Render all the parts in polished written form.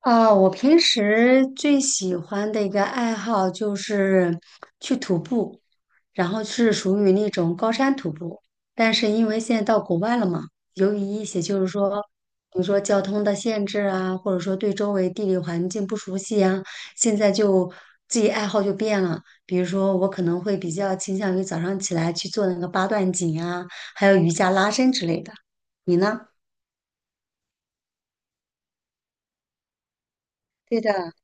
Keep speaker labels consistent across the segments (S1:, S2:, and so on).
S1: 我平时最喜欢的一个爱好就是去徒步，然后是属于那种高山徒步。但是因为现在到国外了嘛，由于一些就是说，比如说交通的限制啊，或者说对周围地理环境不熟悉啊，现在就自己爱好就变了。比如说，我可能会比较倾向于早上起来去做那个八段锦啊，还有瑜伽拉伸之类的。你呢？对的。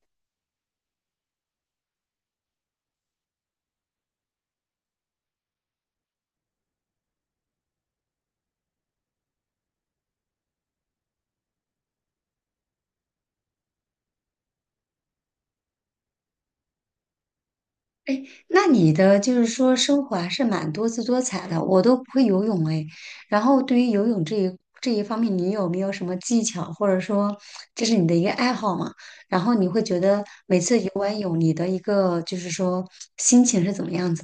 S1: 那你的就是说生活还是蛮多姿多彩的，我都不会游泳哎。然后对于游泳这一方面，你有没有什么技巧，或者说这是你的一个爱好嘛？然后你会觉得每次游完泳，你的一个就是说心情是怎么样子？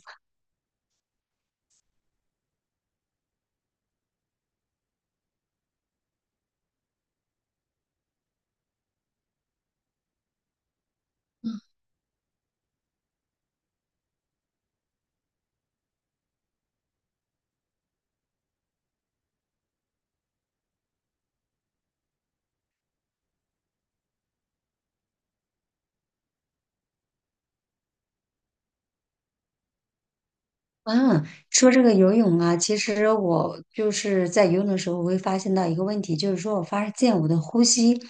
S1: 嗯，说这个游泳啊，其实我就是在游泳的时候，我会发现到一个问题，就是说我发现我的呼吸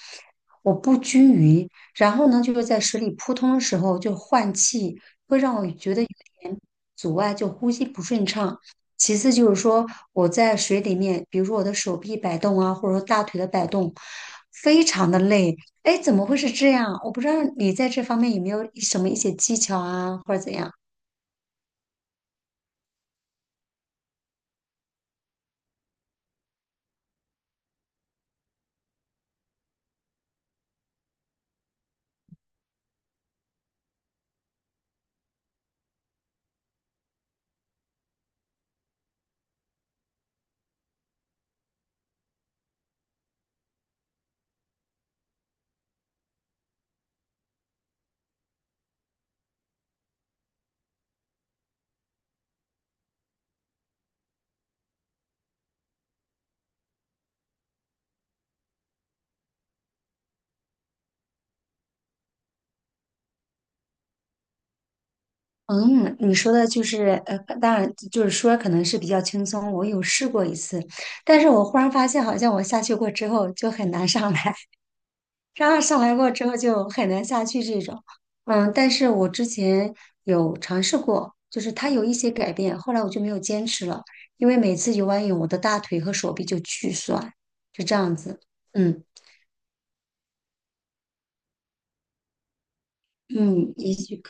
S1: 我不均匀，然后呢，就是在水里扑通的时候就换气，会让我觉得有点阻碍，就呼吸不顺畅。其次就是说我在水里面，比如说我的手臂摆动啊，或者说大腿的摆动，非常的累。哎，怎么会是这样？我不知道你在这方面有没有什么一些技巧啊，或者怎样。嗯，你说的就是，当然就是说可能是比较轻松，我有试过一次，但是我忽然发现好像我下去过之后就很难上来，然后上来过之后就很难下去这种。嗯，但是我之前有尝试过，就是它有一些改变，后来我就没有坚持了，因为每次游完泳我的大腿和手臂就巨酸，就这样子。嗯嗯，也许。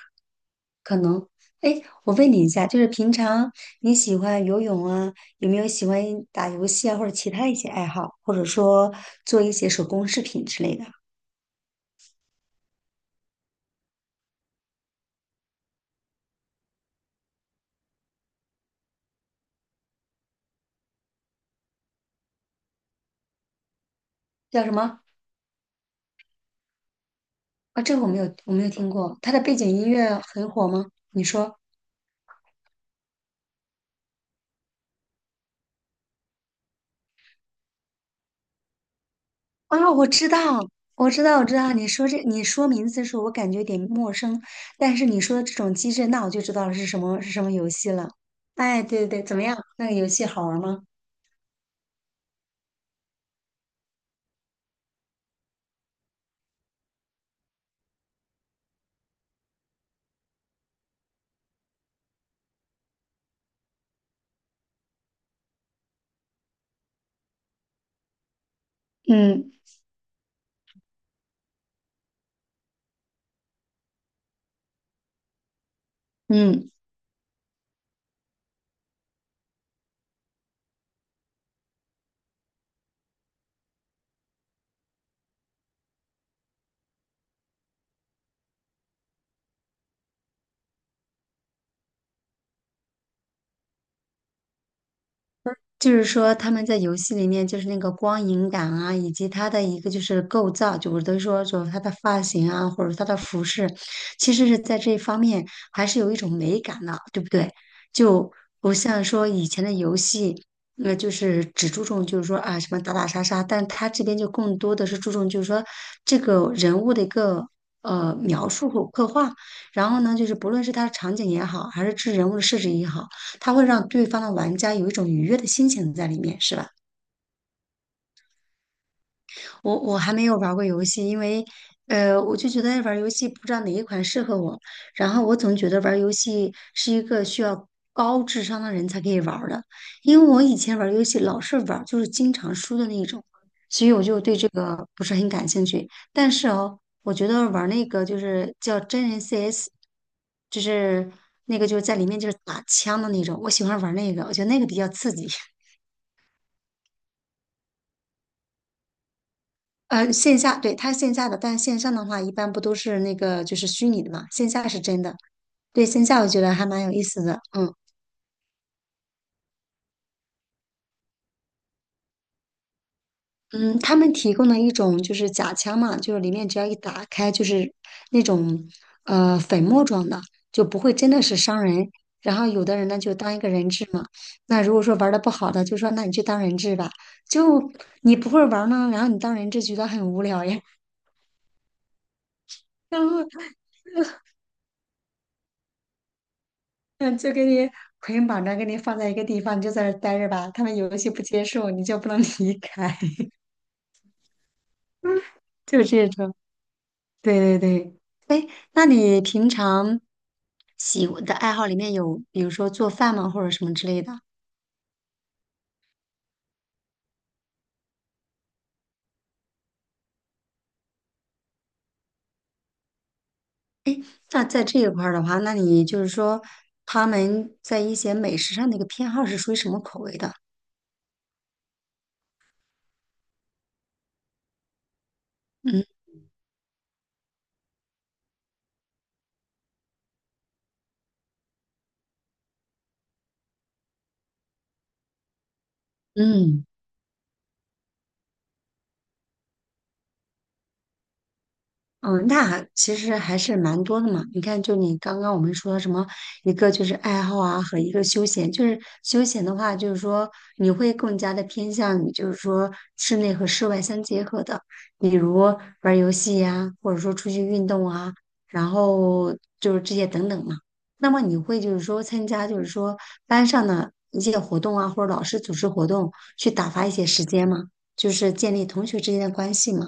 S1: 可能，哎，我问你一下，就是平常你喜欢游泳啊，有没有喜欢打游戏啊，或者其他一些爱好，或者说做一些手工饰品之类的？叫什么啊？这个我没有，我没有听过。它的背景音乐很火吗？你说啊，我知道，我知道，我知道。你说这，你说名字的时候，我感觉有点陌生，但是你说的这种机制，那我就知道了是什么游戏了。哎，对对对，怎么样？那个游戏好玩吗？嗯嗯。就是说他们在游戏里面就是那个光影感啊，以及他的一个就是构造，就我都说就他的发型啊，或者他的服饰，其实是在这一方面还是有一种美感的，对不对？就不像说以前的游戏，那就是只注重就是说啊什么打打杀杀，但他这边就更多的是注重就是说这个人物的一个。描述和刻画，然后呢，就是不论是他的场景也好，还是这人物的设置也好。它会让对方的玩家有一种愉悦的心情在里面，是吧？我还没有玩过游戏，因为我就觉得玩游戏不知道哪一款适合我，然后我总觉得玩游戏是一个需要高智商的人才可以玩儿的，因为我以前玩游戏老是玩儿就是经常输的那种，所以我就对这个不是很感兴趣。但是哦，我觉得玩那个就是叫真人 CS，就是那个就是在里面就是打枪的那种，我喜欢玩那个，我觉得那个比较刺激。线下，对，它是线下的，但线上的话，一般不都是那个就是虚拟的嘛，线下是真的。对，线下我觉得还蛮有意思的，嗯嗯，他们提供的一种就是假枪嘛，就是里面只要一打开就是那种粉末状的，就不会真的是伤人。然后有的人呢就当一个人质嘛，那如果说玩的不好的，就说那你去当人质吧，就你不会玩儿呢，然后你当人质觉得很无聊呀。然后嗯，就给你捆绑着，给你放在一个地方，你就在那儿待着吧。他们有一些不接受，你就不能离开，就这种。对对对，那你平常喜欢的爱好里面有，比如说做饭吗，或者什么之类的？那在这一块儿的话，那你就是说他们在一些美食上的一个偏好是属于什么口味的？嗯嗯。嗯，那其实还是蛮多的嘛。你看，就你刚刚我们说什么，一个就是爱好啊，和一个休闲。就是休闲的话，就是说你会更加的偏向于，就是说室内和室外相结合的，比如玩儿游戏呀、或者说出去运动啊，然后就是这些等等嘛。那么你会就是说参加，就是说班上的一些活动啊，或者老师组织活动，去打发一些时间吗？就是建立同学之间的关系嘛。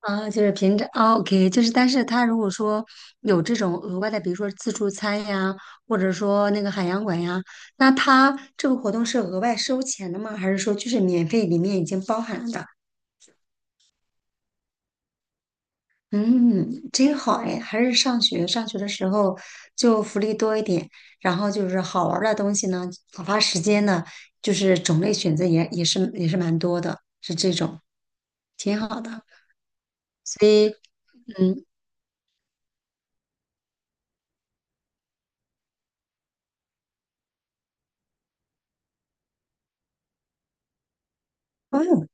S1: 啊，就是平常 o k 就是，但是他如果说有这种额外的，比如说自助餐呀，或者说那个海洋馆呀，那他这个活动是额外收钱的吗？还是说就是免费里面已经包含了的？嗯，真好哎，还是上学的时候就福利多一点，然后就是好玩儿的东西呢，打发时间呢，就是种类选择也是蛮多的，是这种挺好的，所以嗯。哦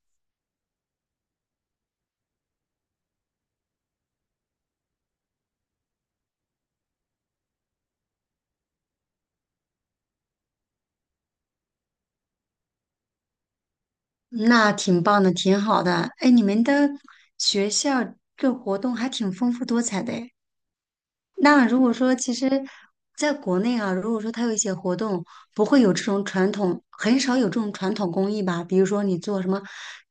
S1: 那挺棒的，挺好的。哎，你们的学校这活动还挺丰富多彩的。那如果说其实在国内啊，如果说它有一些活动，不会有这种传统，很少有这种传统工艺吧？比如说你做什么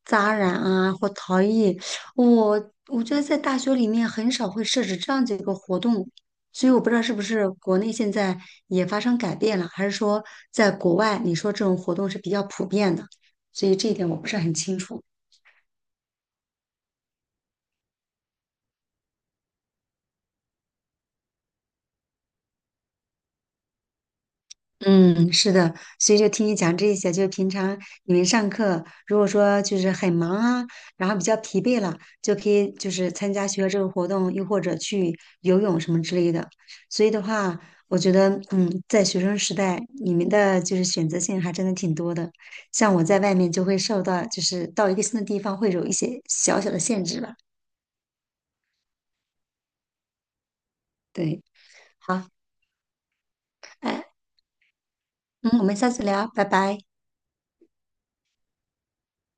S1: 扎染啊或陶艺，我觉得在大学里面很少会设置这样子一个活动，所以我不知道是不是国内现在也发生改变了，还是说在国外你说这种活动是比较普遍的，所以这一点我不是很清楚。嗯，是的，所以就听你讲这些，就平常你们上课，如果说就是很忙啊，然后比较疲惫了，就可以就是参加学校这个活动，又或者去游泳什么之类的。所以的话，我觉得，嗯，在学生时代，你们的就是选择性还真的挺多的。像我在外面就会受到，就是到一个新的地方会有一些小小的限制吧。对，好，哎，嗯，我们下次聊，拜拜。